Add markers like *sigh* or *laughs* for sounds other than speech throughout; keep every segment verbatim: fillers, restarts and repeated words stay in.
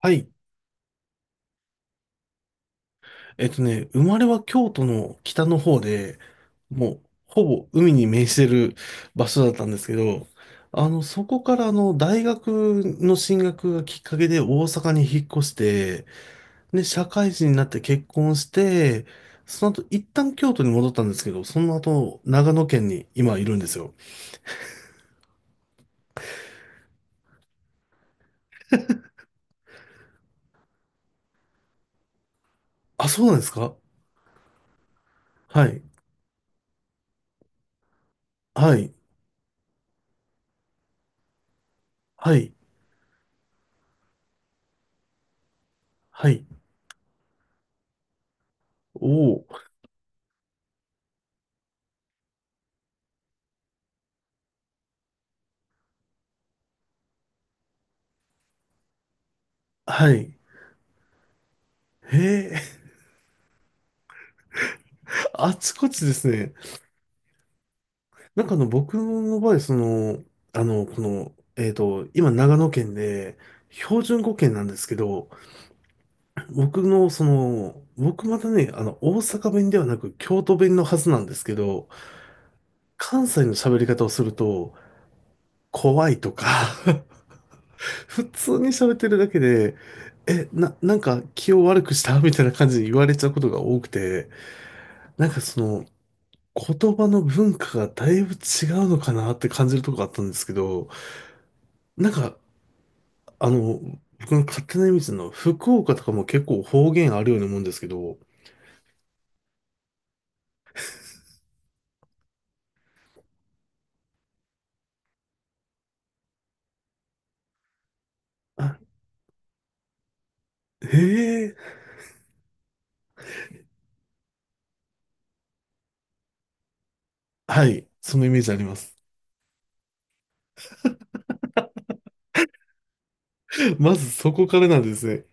はい。えっとね、生まれは京都の北の方で、もう、ほぼ海に面してる場所だったんですけど、あの、そこからあの、大学の進学がきっかけで大阪に引っ越して、で、社会人になって結婚して、その後、一旦京都に戻ったんですけど、その後、長野県に今いるんですよ。あ、そうなんですか？はい。はい。はい。はい。おお。はい。へえ、*laughs* あちこちですね。なんかあの、僕の場合、その、あの、この、えっと、今長野県で、標準語圏なんですけど、僕の、その、僕またね、あの、大阪弁ではなく京都弁のはずなんですけど、関西の喋り方をすると、怖いとか *laughs* 普通に喋ってるだけで、え、な、なんか気を悪くしたみたいな感じで言われちゃうことが多くて、なんかその、言葉の文化がだいぶ違うのかなって感じるとこがあったんですけど、なんか、あの、僕の勝手なイメージの福岡とかも結構方言あるように思うんですけど。あ、へえ、はい、そのイメージあります。*laughs* まずそこからなんですね。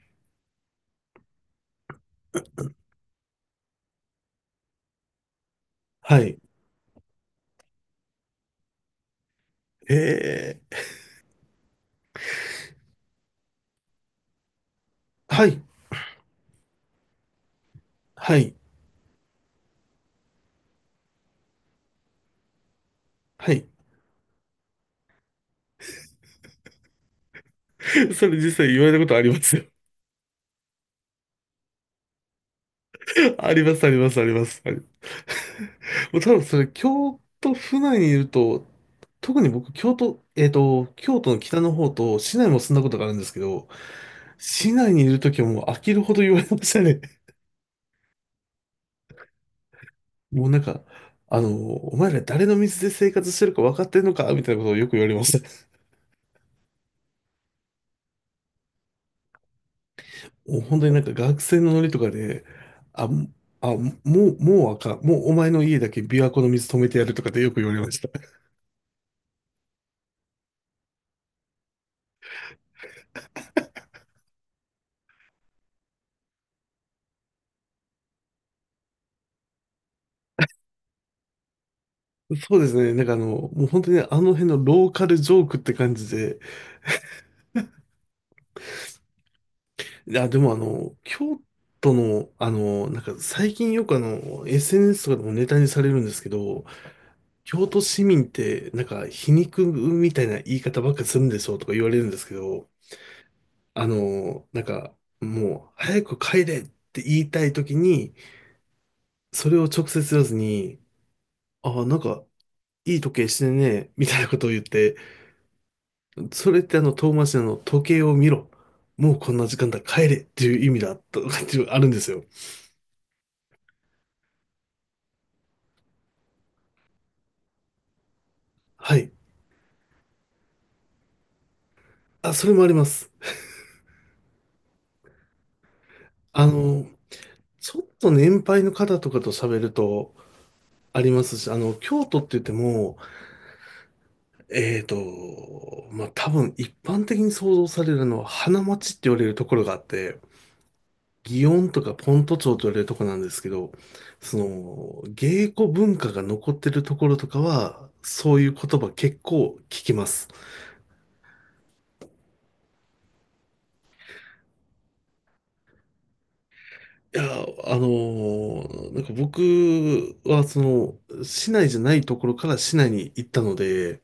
はい。へえ、はい、はい、はい。*laughs* それ実際言われたことありますよ。*laughs* あります、あります、あります。はい、もう多分それ、京都府内にいると、特に僕、京都、えっと、京都の北の方と市内も住んだことがあるんですけど、市内にいるときはもう飽きるほど言われましたね。もうなんか、あの、お前ら誰の水で生活してるか分かってんのかみたいなことをよく言われました。*laughs* もう本当になんか学生のノリとかで、あ、あ、もう、もうあかん。もうお前の家だけ琵琶湖の水止めてやるとかってよく言われました。そうですね。なんかあの、もう本当にあの辺のローカルジョークって感じで。いや、でもあの、京都の、あの、なんか最近よくあの、エスエヌエス とかでもネタにされるんですけど、京都市民ってなんか皮肉みたいな言い方ばっかするんでしょうとか言われるんですけど、あの、なんか、もう、早く帰れって言いたいときに、それを直接言わずに、ああ、なんか、いい時計してんね、みたいなことを言って、それってあの、遠回しなの、時計を見ろ。もうこんな時間だ、帰れっていう意味だ、とかっていうのあるんですよ。はい。あ、それもあります。あの、ちょっと年配の方とかと喋ると、ありますし、あの、京都って言っても、えーと、まあ、多分一般的に想像されるのは花街って言われるところがあって、祇園とかポント町と言われるとこなんですけど、その、芸妓文化が残ってるところとかは、そういう言葉結構聞きます。いや、あのーなんか僕は、その、市内じゃないところから市内に行ったので、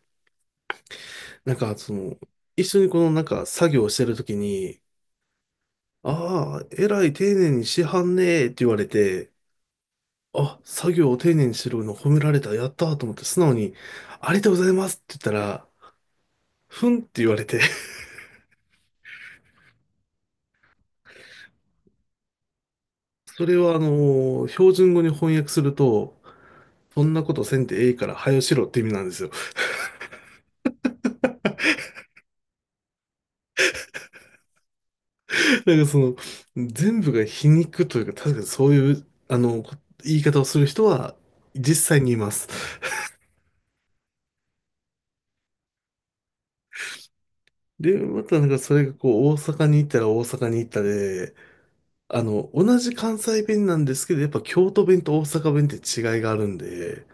なんか、その、一緒にこの、なんか、作業をしてるときに、ああ、えらい丁寧にしはんねえって言われて、あ、作業を丁寧にしてるの褒められた、やったーと思って素直に、ありがとうございますって言ったら、ふんって言われて、*laughs* それはあの、標準語に翻訳すると、そんなことせんてええから、はよしろって意味なんですよ。*laughs* だからその、全部が皮肉というか、確かにそういう、あの、こ言い方をする人は、実際にいます。で、またなんかそれがこう、大阪に行ったら大阪に行ったで、あの、同じ関西弁なんですけど、やっぱ京都弁と大阪弁って違いがあるんで、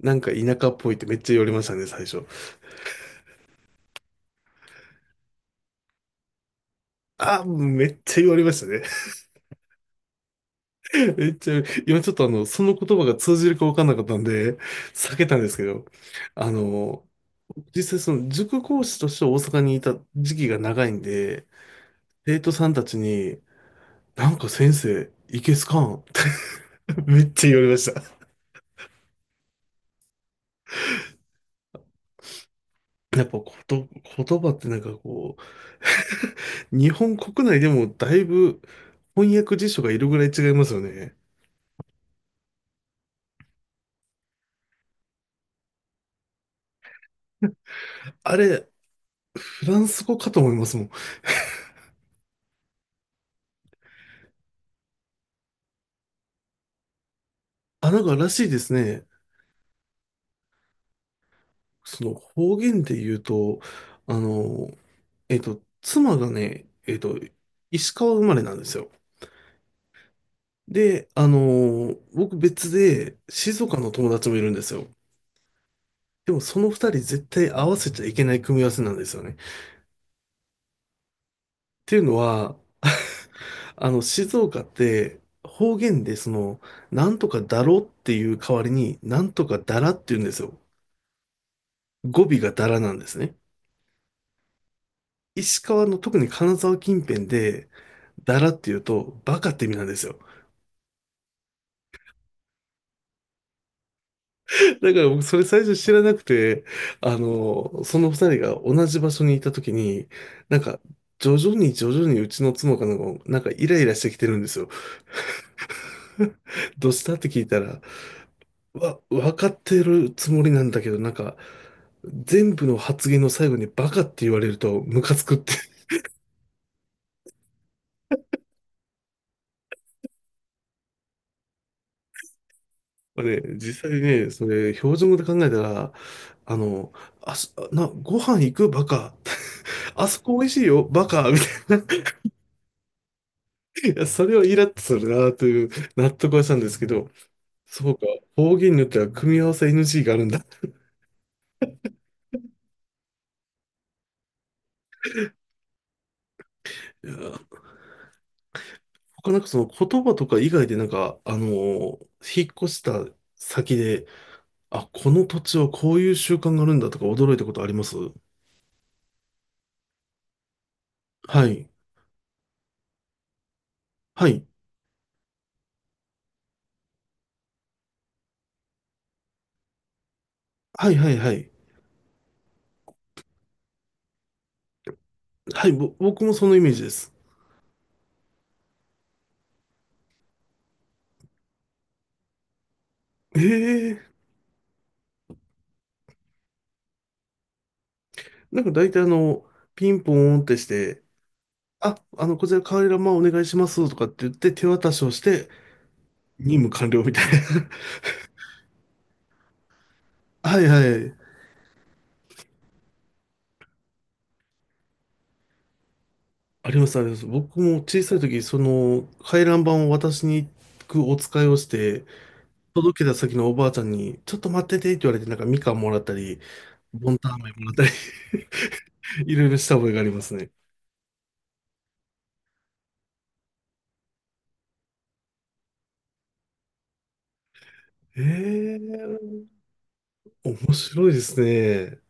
なんか田舎っぽいってめっちゃ言われましたね、最初。ああ、めっちゃ言われましたね。*laughs* めっちゃ、今ちょっとあの、その言葉が通じるか分かんなかったんで、避けたんですけど、あの、実際その塾講師として大阪にいた時期が長いんで、生徒さんたちに、なんか先生、いけすかんって *laughs* めっちゃ言われました。やっぱこと、言葉ってなんかこう、日本国内でもだいぶ翻訳辞書がいるぐらい違いますよね。あれ、フランス語かと思いますもん。あ、なんからしいですね。その方言で言うと、あの、えっと、妻がね、えっと、石川生まれなんですよ。で、あのー僕別で静岡の友達もいるんですよ。でもその二人絶対合わせちゃいけない組み合わせなんですよね。っていうのは、あの、静岡って方言でその、なんとかだろっていう代わりに、なんとかだらって言うんですよ。語尾がだらなんですね。石川の特に金沢近辺で、だらって言うと、バカって意味なんですよ。だから僕それ最初知らなくて、あの、その二人が同じ場所にいた時に、なんか、徐々に徐々にうちの妻かなんか、なんかイライラしてきてるんですよ。*laughs* どうしたって聞いたら、わ、分かってるつもりなんだけど、なんか、全部の発言の最後にバカって言われるとムカつくって。*laughs* まあね、実際ね、それ、標準語で考えたら、あの、あそ、な、ご飯行くバカ。*laughs* あそこ美味しいよ、バカみたいな。いや、それをイラッとするなという納得はしたんですけど、そうか、方言によっては組み合わせ エヌジー があるんだ。いや、他なんかその言葉とか以外でなんか、あのー引っ越した先で、あ、この土地はこういう習慣があるんだとか驚いたことあります？はい。はい。はいはいはい。はい、ぼ、僕もそのイメージです。ええ。なんか大体あの、ピンポーンってして、あ、あの、こちらカーリラマンお願いしますとかって言って手渡しをして、任務完了みたいな。はいはい。あります、あります。僕も小さい時、その回覧板を渡しに行くお使いをして、届けた先のおばあちゃんに、ちょっと待っててって言われて、なんかみかんもらったり、ボンタン飴もらったり *laughs* いろいろした覚えがありますね。ええ。面白いですね。